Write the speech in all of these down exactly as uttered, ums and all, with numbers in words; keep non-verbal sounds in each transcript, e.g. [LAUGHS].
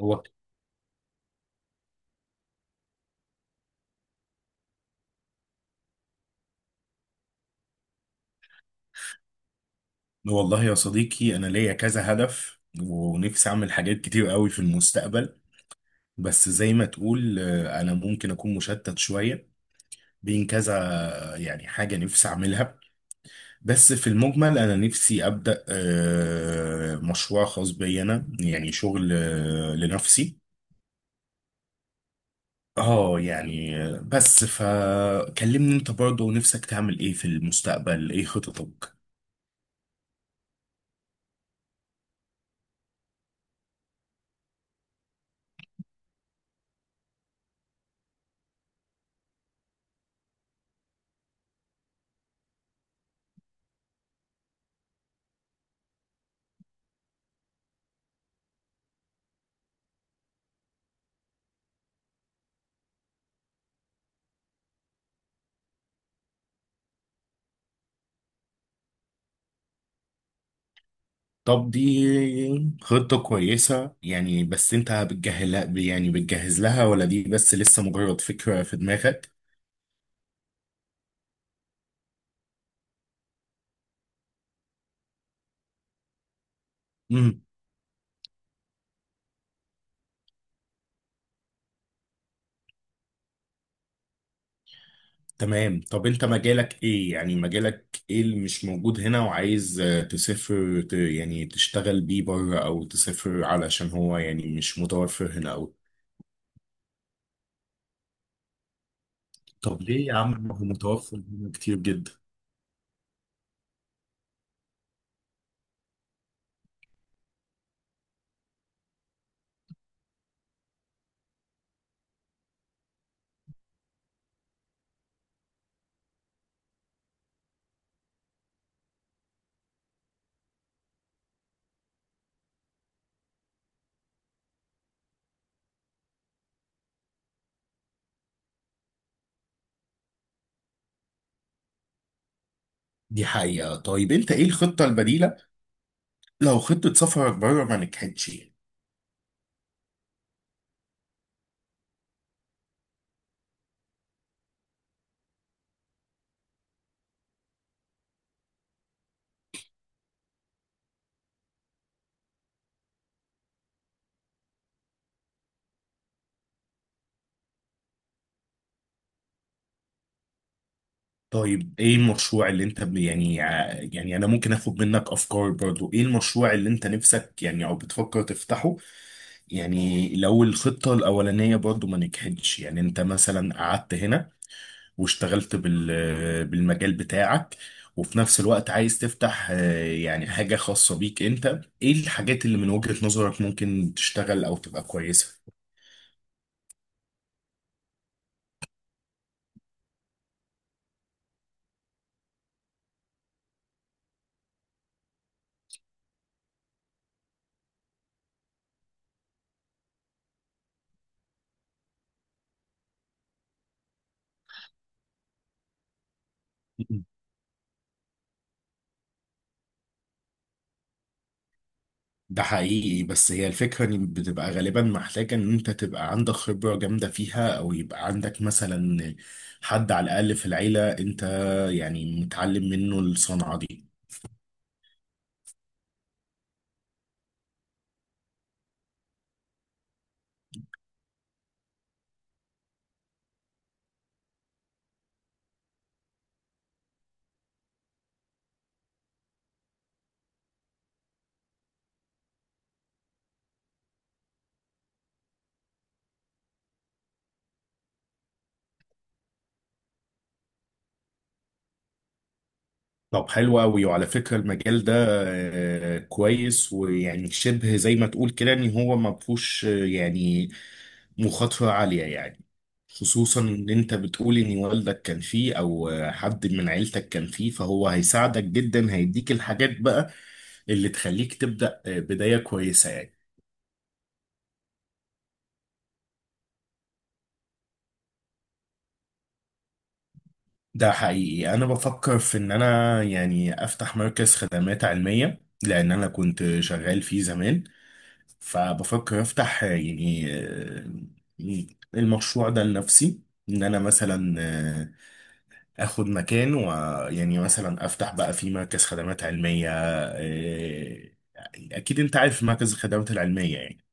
هو، والله يا صديقي انا ليا كذا هدف ونفسي اعمل حاجات كتير قوي في المستقبل. بس زي ما تقول، آه، انا ممكن اكون مشتت شوية بين كذا، يعني حاجة نفسي اعملها. بس في المجمل انا نفسي ابدا آه، مشروع خاص بي انا، يعني شغل آه، لنفسي. اه، يعني آه، بس فكلمني انت برضه، نفسك تعمل ايه في المستقبل؟ ايه خططك؟ طب دي خطة كويسة يعني، بس انت بتجهلها، يعني بتجهز لها، ولا دي بس لسه مجرد فكرة في دماغك؟ امم تمام. طب انت مجالك ايه؟ يعني مجالك ايه اللي مش موجود هنا، وعايز آه، تسافر ت- يعني تشتغل بيه بره، او تسافر علشان هو يعني مش متوفر هنا او. طب ليه يا عم؟ ما هو متوفر هنا كتير جدا. دي حقيقة. طيب انت ايه الخطة البديلة لو خطة سفرك بره ما نجحتش؟ طيب ايه المشروع اللي انت ب- يعني ع- يعني انا ممكن اخد منك افكار برضو؟ ايه المشروع اللي انت نفسك يعني او بتفكر تفتحه؟ يعني لو الخطة الاولانية برضو ما نجحتش، يعني انت مثلا قعدت هنا واشتغلت بال بالمجال بتاعك، وفي نفس الوقت عايز تفتح آه، يعني حاجة خاصة بيك، انت ايه الحاجات اللي من وجهة نظرك ممكن تشتغل او تبقى كويسة؟ ده حقيقي. بس هي الفكرة ان بتبقى غالبا محتاجة ان انت تبقى عندك خبرة جامدة فيها، او يبقى عندك مثلا حد على الاقل في العيلة انت يعني متعلم منه الصنعة دي. طب حلو قوي. وعلى فكرة المجال ده آه، كويس، ويعني شبه زي ما تقول كده ان هو ما فيهوش آه، يعني مخاطرة عالية يعني، خصوصا ان انت بتقول ان والدك كان فيه، او حد من عيلتك كان فيه، فهو هيساعدك جدا، هيديك الحاجات بقى اللي تخليك تبدأ بداية كويسة يعني. ده حقيقي. انا بفكر في ان انا يعني افتح مركز خدمات علمية، لان انا كنت شغال فيه زمان. فبفكر افتح يعني آه، المشروع ده لنفسي، ان انا مثلا آه، اخد مكان، ويعني مثلا افتح بقى في مركز خدمات علميه. إيه، اكيد انت عارف مركز الخدمات العلميه يعني.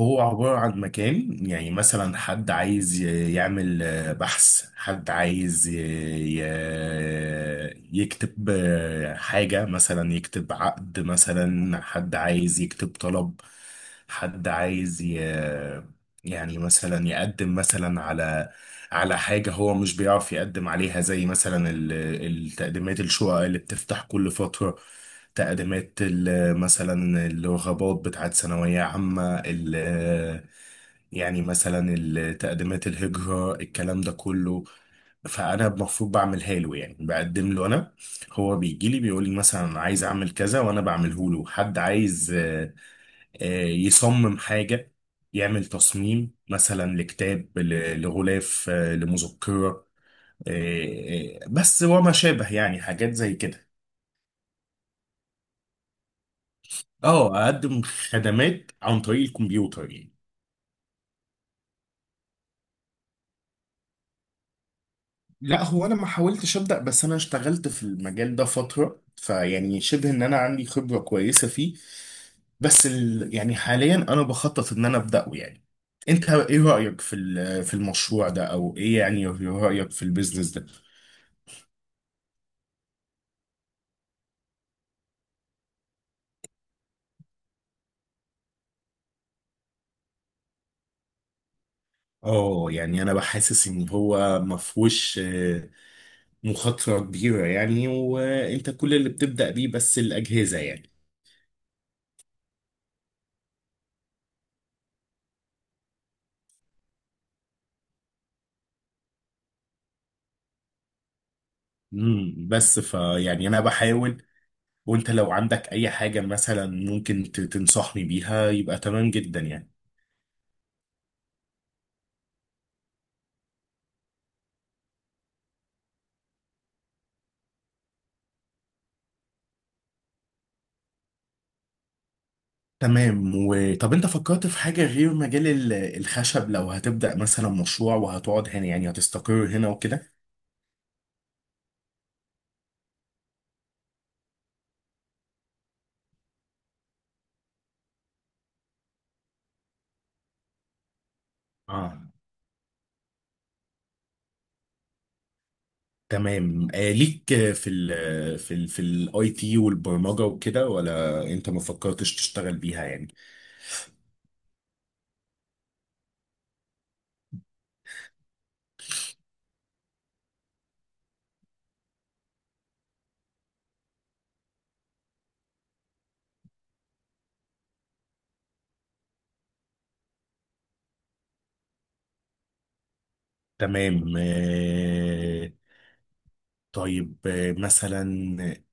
هو عبارة عن مكان، يعني مثلا حد عايز ي- يعمل آه، بحث، حد عايز ي- ي- يكتب آه، حاجة، مثلا يكتب عقد، مثلا حد عايز يكتب طلب، حد عايز ي- يعني مثلا يقدم مثلا على على حاجة هو مش بيعرف يقدم عليها، زي مثلا ال- التقديمات الشقق اللي بتفتح كل فترة، تقديمات ال- مثلا الرغبات بتاعت ثانوية عامة، ال- يعني مثلا التقديمات الهجرة، الكلام ده كله. فأنا المفروض بعملها له، يعني بقدم له أنا، هو بيجي لي بيقول لي مثلا أنا عايز أعمل كذا، وأنا بعمله له. حد عايز آه، آه، يصمم حاجة، يعمل تصميم مثلا لكتاب، ل- لغلاف آه، لمذكرة، آه، آه، بس وما شابه، يعني حاجات زي كده. اه، اقدم خدمات عن طريق الكمبيوتر يعني. لا، هو انا ما حاولتش ابدا، بس انا اشتغلت في المجال ده فتره، فيعني شبه ان انا عندي خبره كويسه فيه. بس ال... يعني حاليا انا بخطط ان انا ابداه يعني. انت ايه رايك في ال- في المشروع ده؟ او ايه يعني رايك في البيزنس ده؟ اه، يعني انا بحسس ان هو ما فيهوش آه، مخاطره كبيره يعني، وانت كل اللي بتبدا بيه بس الاجهزه يعني. امم بس فيعني انا بحاول، وانت لو عندك اي حاجة مثلا ممكن ت- تنصحني بيها يبقى تمام جدا يعني. تمام. وطب انت فكرت في حاجة غير مجال ال- الخشب، لو هتبدأ مثلا مشروع، وهتقعد هنا يعني هتستقر هنا وكده؟ اه تمام. آه ليك آه، في ال في ال في الاي تي والبرمجة وكده، ولا انت ما فكرتش تشتغل بيها يعني؟ تمام آه. طيب آه، مثلا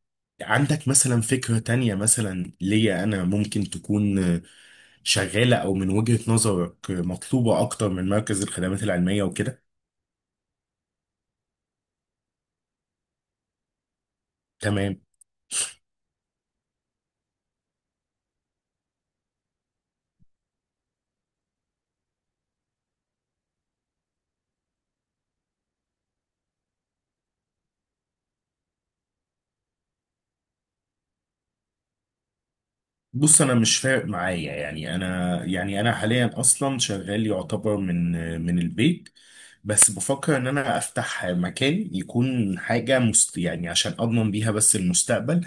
عندك مثلا فكرة تانية مثلا ليا أنا ممكن تكون شغالة، أو من وجهة نظرك مطلوبة أكتر من مركز الخدمات العلمية وكده؟ تمام. بص أنا مش فارق معايا يعني، أنا يعني أنا حاليا أصلا شغال يعتبر من من البيت. بس بفكر إن أنا أفتح مكان يكون حاجة مست يعني، عشان أضمن بيها بس المستقبل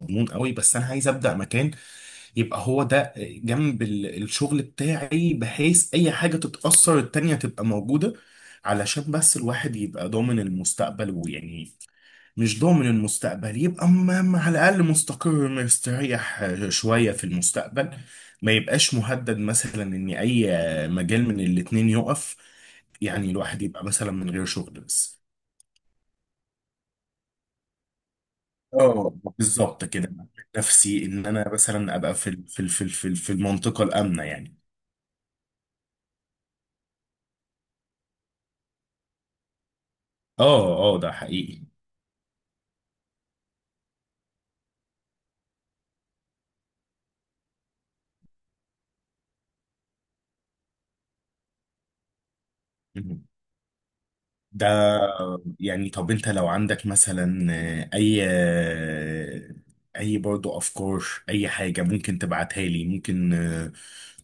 مضمون قوي. بس أنا عايز أبدأ مكان يبقى هو ده جنب ال- الشغل بتاعي، بحيث اي حاجة تتأثر التانية تبقى موجودة، علشان بس الواحد يبقى ضامن المستقبل. ويعني مش ضامن المستقبل، يبقى م- م- على الأقل مستقر مستريح شوية في المستقبل، ما يبقاش مهدد مثلا ان اي مجال من الاتنين يقف، يعني الواحد يبقى مثلا من غير شغل بس. اه، بالظبط كده. نفسي ان انا مثلا ابقى في ال- في ال- في ال- في ال- في المنطقة الآمنة يعني. اه، اه، ده حقيقي مهم. ده يعني، طب انت لو عندك مثلا اي اي برضو افكار، اي حاجة ممكن تبعتها لي، ممكن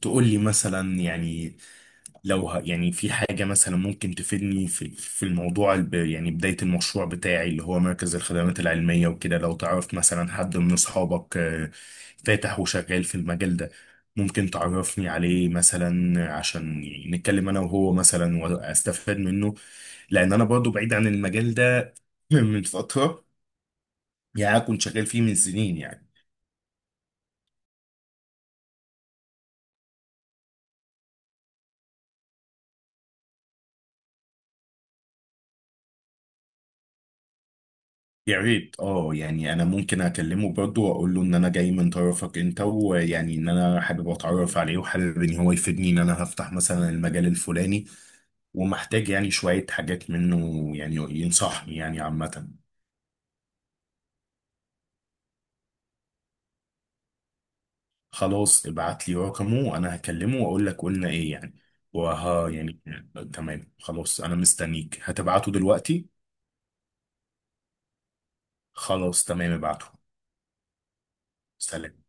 تقول لي مثلا، يعني لو ه... يعني في حاجة مثلا ممكن تفيدني في في الموضوع الب... يعني بداية المشروع بتاعي اللي هو مركز الخدمات العلمية وكده. لو تعرف مثلا حد من أصحابك آه، فاتح وشغال في المجال ده، ممكن تعرفني عليه مثلا، عشان يعني نتكلم أنا وهو مثلا وأستفاد منه، لأن أنا برضو بعيد عن المجال ده [LAUGHS] من فترة، يعني أنا كنت شغال فيه من سنين يعني. يا ريت. اه، يعني انا ممكن اكلمه برضه واقول له ان انا جاي من طرفك انت، ويعني ان انا حابب اتعرف عليه، وحابب ان هو يفيدني، ان انا هفتح مثلا المجال الفلاني، ومحتاج يعني شوية حاجات منه، يعني ينصحني يعني عامة. خلاص، ابعت لي رقمه، وانا هكلمه واقول لك قلنا ايه يعني. وها يعني تمام. خلاص انا مستنيك، هتبعته دلوقتي. خلاص تمام ابعته. سلام.